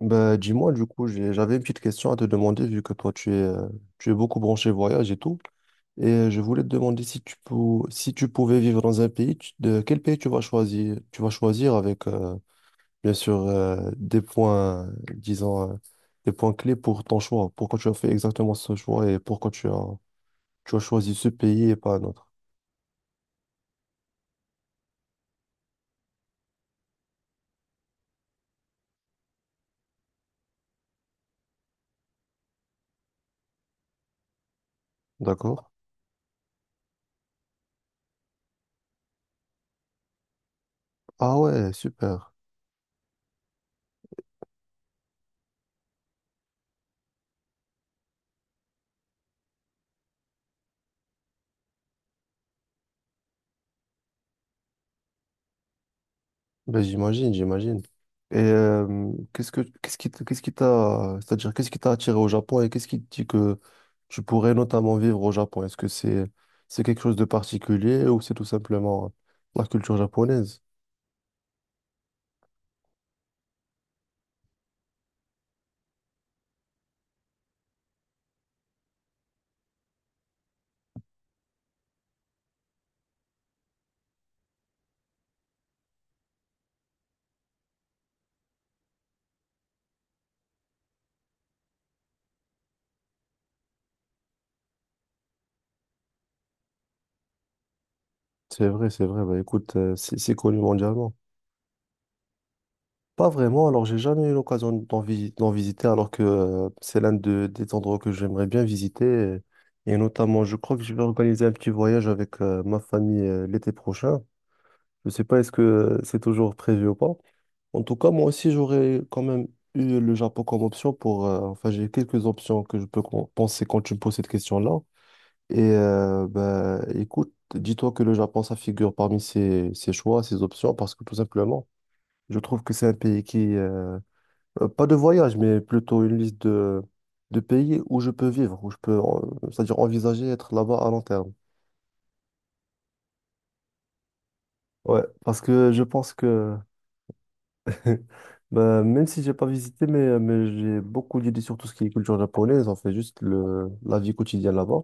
Bah, dis-moi, du coup, j'avais une petite question à te demander, vu que toi, tu es beaucoup branché voyage et tout. Et je voulais te demander si si tu pouvais vivre dans un pays, de quel pays tu vas choisir? Tu vas choisir avec, bien sûr, des points, disons, des points clés pour ton choix. Pourquoi tu as fait exactement ce choix et pourquoi tu as choisi ce pays et pas un autre. D'accord? Ah ouais, super. Ben, j'imagine, j'imagine. Et qu'est-ce qui t'a attiré au Japon et qu'est-ce qui te dit que tu pourrais notamment vivre au Japon? Est-ce que c'est quelque chose de particulier ou c'est tout simplement la culture japonaise? C'est vrai, c'est vrai. Bah, écoute, c'est connu mondialement. Pas vraiment. Alors, j'ai jamais eu l'occasion d'en visiter, alors que c'est l'un des endroits que j'aimerais bien visiter. Et notamment, je crois que je vais organiser un petit voyage avec ma famille l'été prochain. Je sais pas est-ce que c'est toujours prévu ou pas. En tout cas, moi aussi, j'aurais quand même eu le Japon comme option enfin, j'ai quelques options que je peux penser quand tu me poses cette question-là. Et ben, écoute, dis-toi que le Japon, ça figure parmi ses choix, ses options, parce que tout simplement, je trouve que c'est un pays qui... pas de voyage, mais plutôt une liste de pays où je peux vivre, où je peux, c'est-à-dire envisager être là-bas à long terme. Ouais, parce que je pense que... Bah, même si j'ai pas visité, mais, mais j'ai beaucoup d'idées sur tout ce qui est culture japonaise, en fait, juste le, la vie quotidienne là-bas.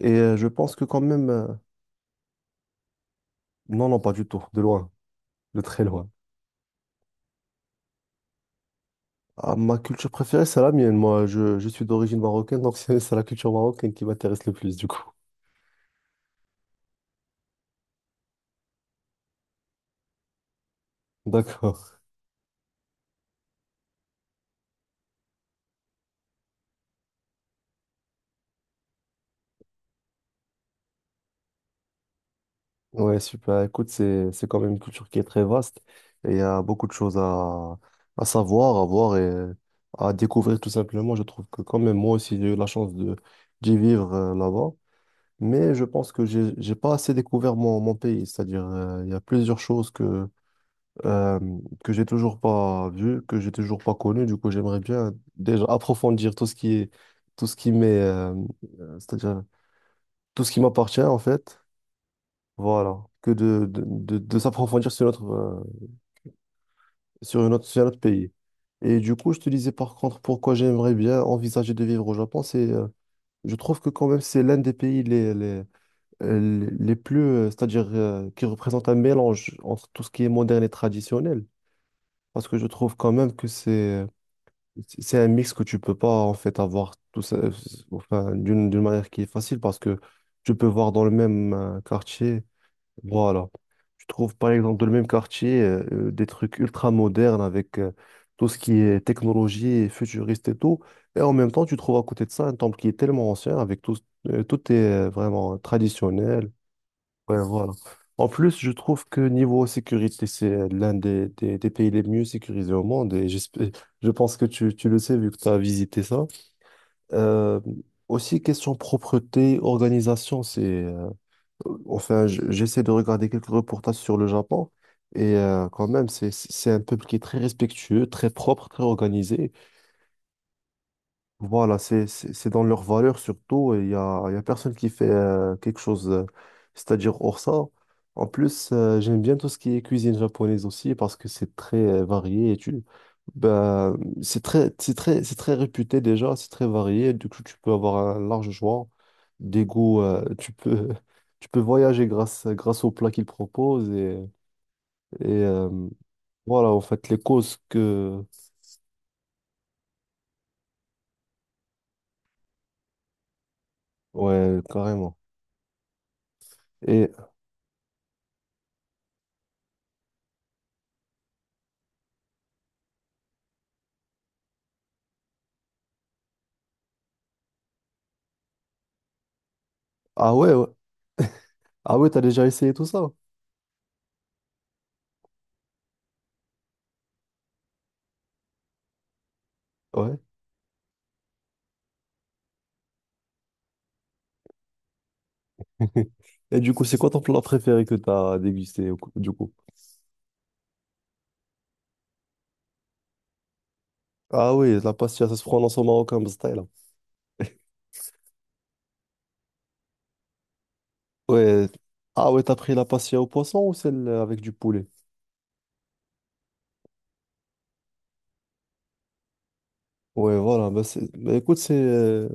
Et je pense que quand même, non, non, pas du tout, de loin, de très loin. Ah, ma culture préférée, c'est la mienne. Moi, je suis d'origine marocaine, donc c'est la culture marocaine qui m'intéresse le plus, du coup. D'accord. Ouais, super. Écoute, c'est quand même une culture qui est très vaste et il y a beaucoup de choses à savoir, à voir et à découvrir tout simplement. Je trouve que quand même, moi aussi, j'ai eu la chance de, d'y vivre là-bas, mais je pense que j'ai pas assez découvert mon pays. C'est-à-dire, il y a plusieurs choses que, euh, que j'ai toujours pas vues, que j'ai toujours pas connues. Du coup, j'aimerais bien déjà approfondir tout ce qui est, tout ce qui m'est, c'est-à-dire tout ce qui m'appartient en fait. Voilà, que de s'approfondir sur notre, sur une autre, sur un autre pays. Et du coup, je te disais par contre pourquoi j'aimerais bien envisager de vivre au Japon, c'est, je trouve que quand même c'est l'un des pays les plus, c'est-à-dire qui représente un mélange entre tout ce qui est moderne et traditionnel, parce que je trouve quand même que c'est un mix que tu peux pas en fait avoir tout ça, enfin, d'une manière qui est facile, parce que tu peux voir dans le même quartier. Voilà. Tu trouves par exemple dans le même quartier des trucs ultra modernes avec tout ce qui est technologie et futuriste et tout. Et en même temps, tu trouves à côté de ça un temple qui est tellement ancien avec tout, tout est vraiment traditionnel. Ouais, voilà. En plus, je trouve que niveau sécurité, c'est l'un des, des pays les mieux sécurisés au monde et je pense que tu le sais vu que tu as visité ça. Euh, aussi, question propreté, organisation, c'est... enfin, j'essaie de regarder quelques reportages sur le Japon et quand même, c'est un peuple qui est très respectueux, très propre, très organisé. Voilà, c'est dans leur valeur surtout. Il y a personne qui fait quelque chose, c'est-à-dire hors ça. En plus, j'aime bien tout ce qui est cuisine japonaise aussi parce que c'est très varié et tu, bah, c'est très, c'est très, c'est très réputé déjà, c'est très varié. Du coup, tu peux avoir un large choix des goûts. Tu peux, tu peux voyager grâce, grâce aux plats qu'ils proposent et voilà, en fait, les causes que, ouais, carrément. Et ah ouais. Ouais. Ah ouais, t'as déjà essayé tout ça? Ouais. Et du coup, c'est quoi ton plat préféré que t'as dégusté du coup? Ah oui, la pastilla, ça se prononce au marocain, style. Ouais. Ah ouais, t'as pris la pastilla au poisson ou celle avec du poulet? Ouais, voilà. Bah écoute,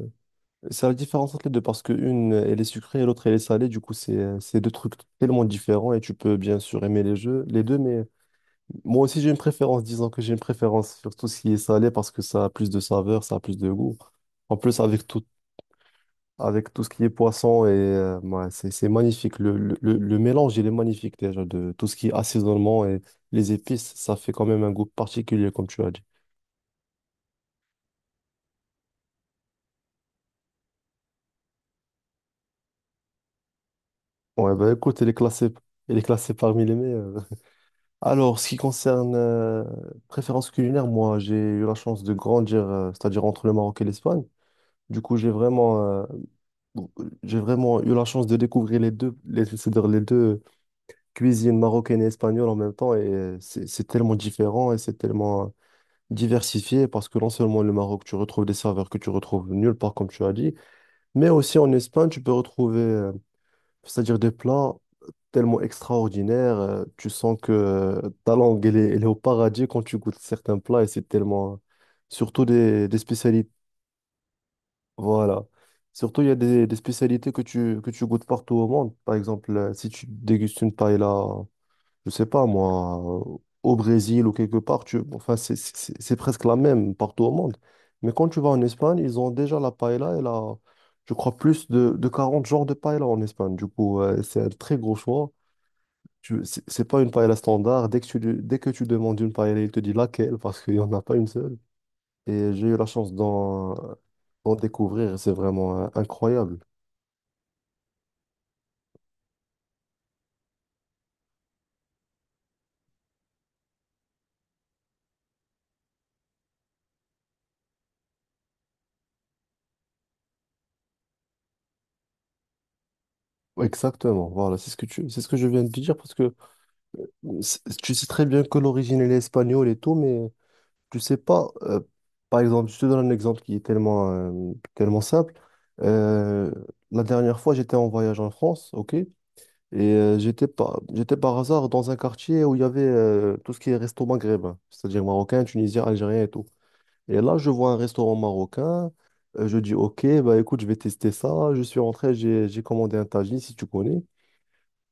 c'est la différence entre les deux parce que une elle est sucrée et l'autre, elle est salée. Du coup, c'est deux trucs tellement différents et tu peux bien sûr aimer les jeux, les deux. Mais moi aussi, j'ai une préférence. Disons que j'ai une préférence sur tout ce qui est salé parce que ça a plus de saveur, ça a plus de goût. En plus, avec avec tout ce qui est poisson et ouais, c'est magnifique. Le mélange, il est magnifique déjà de tout ce qui est assaisonnement et les épices, ça fait quand même un goût particulier, comme tu as dit. Ouais, bah écoute, il est classé parmi les meilleurs. Alors, ce qui concerne préférence culinaire, moi, j'ai eu la chance de grandir, c'est-à-dire entre le Maroc et l'Espagne. Du coup, j'ai vraiment, j'ai vraiment eu la chance de découvrir les deux, les, c'est-à-dire les deux cuisines marocaines et espagnole en même temps, et c'est tellement différent et c'est tellement diversifié parce que non seulement le Maroc, tu retrouves des saveurs que tu retrouves nulle part, comme tu as dit, mais aussi en Espagne, tu peux retrouver, c'est-à-dire des plats tellement extraordinaires. Tu sens que ta langue, elle est au paradis quand tu goûtes certains plats et c'est tellement. Surtout des spécialités. Voilà. Surtout, il y a des spécialités que tu goûtes partout au monde. Par exemple, si tu dégustes une paella je sais pas moi, euh, au Brésil ou quelque part, tu, enfin, c'est presque la même partout au monde. Mais quand tu vas en Espagne, ils ont déjà la paella et la, je crois, plus de 40 genres de paella en Espagne. Du coup, c'est un très gros choix. Tu, c'est pas une paella standard. Dès que dès que tu demandes une paella, il te dit laquelle parce qu'il n'y en a pas une seule. Et j'ai eu la chance d'en découvrir. C'est vraiment incroyable. Exactement, voilà, c'est ce que tu, c'est ce que je viens de te dire parce que tu sais très bien que l'origine elle est espagnole et tout, mais tu sais pas, par exemple, je te donne un exemple qui est tellement, tellement simple. Euh, la dernière fois, j'étais en voyage en France, ok? Et j'étais par hasard dans un quartier où il y avait tout ce qui est resto maghrébin, c'est-à-dire marocain, tunisien, algérien et tout. Et là, je vois un restaurant marocain. Je dis, OK, bah écoute, je vais tester ça. Je suis rentré, j'ai commandé un tagine, si tu connais.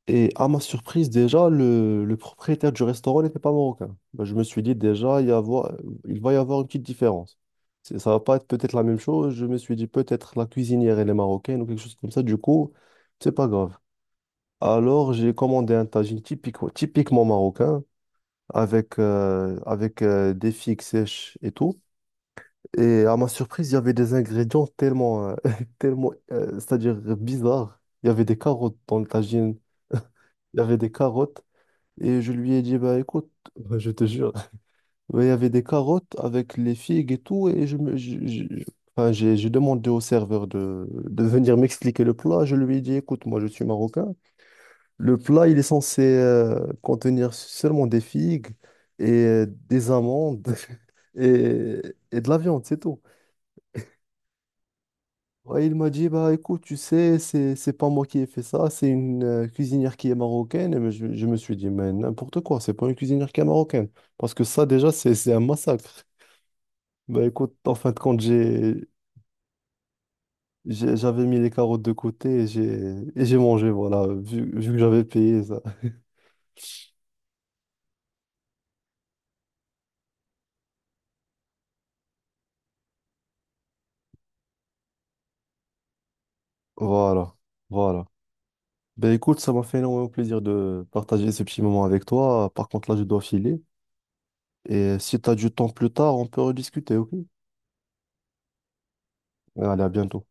Et à ma surprise, déjà, le propriétaire du restaurant n'était pas marocain. Bah, je me suis dit, déjà, il va y avoir une petite différence. Ça va pas être peut-être la même chose. Je me suis dit, peut-être la cuisinière, elle est marocaine ou quelque chose comme ça. Du coup, c'est pas grave. Alors, j'ai commandé un tagine typique, typiquement marocain, avec, avec des figues sèches et tout. Et à ma surprise, il y avait des ingrédients tellement, tellement c'est-à-dire bizarres. Il y avait des carottes dans le tagine, il y avait des carottes. Et je lui ai dit, bah écoute, je te jure, ouais, il y avait des carottes avec les figues et tout. Et je me, je- enfin, j'ai demandé au serveur de venir m'expliquer le plat. Je lui ai dit, écoute, moi je suis marocain. Le plat, il est censé contenir seulement des figues et des amandes et, et de la viande, c'est tout. Ouais, il m'a dit, bah écoute, tu sais, c'est pas moi qui ai fait ça, c'est une cuisinière qui est marocaine. Et mais je me suis dit, mais n'importe quoi, c'est pas une cuisinière qui est marocaine. Parce que ça, déjà, c'est un massacre. Bah écoute, en fin de compte, j'ai, j'avais mis les carottes de côté et j'ai mangé, voilà, vu, vu que j'avais payé ça. Voilà, voilà. Ben écoute, ça m'a fait énormément plaisir de partager ce petit moment avec toi. Par contre, là, je dois filer. Et si tu as du temps plus tard, on peut rediscuter, ok? Allez, à bientôt.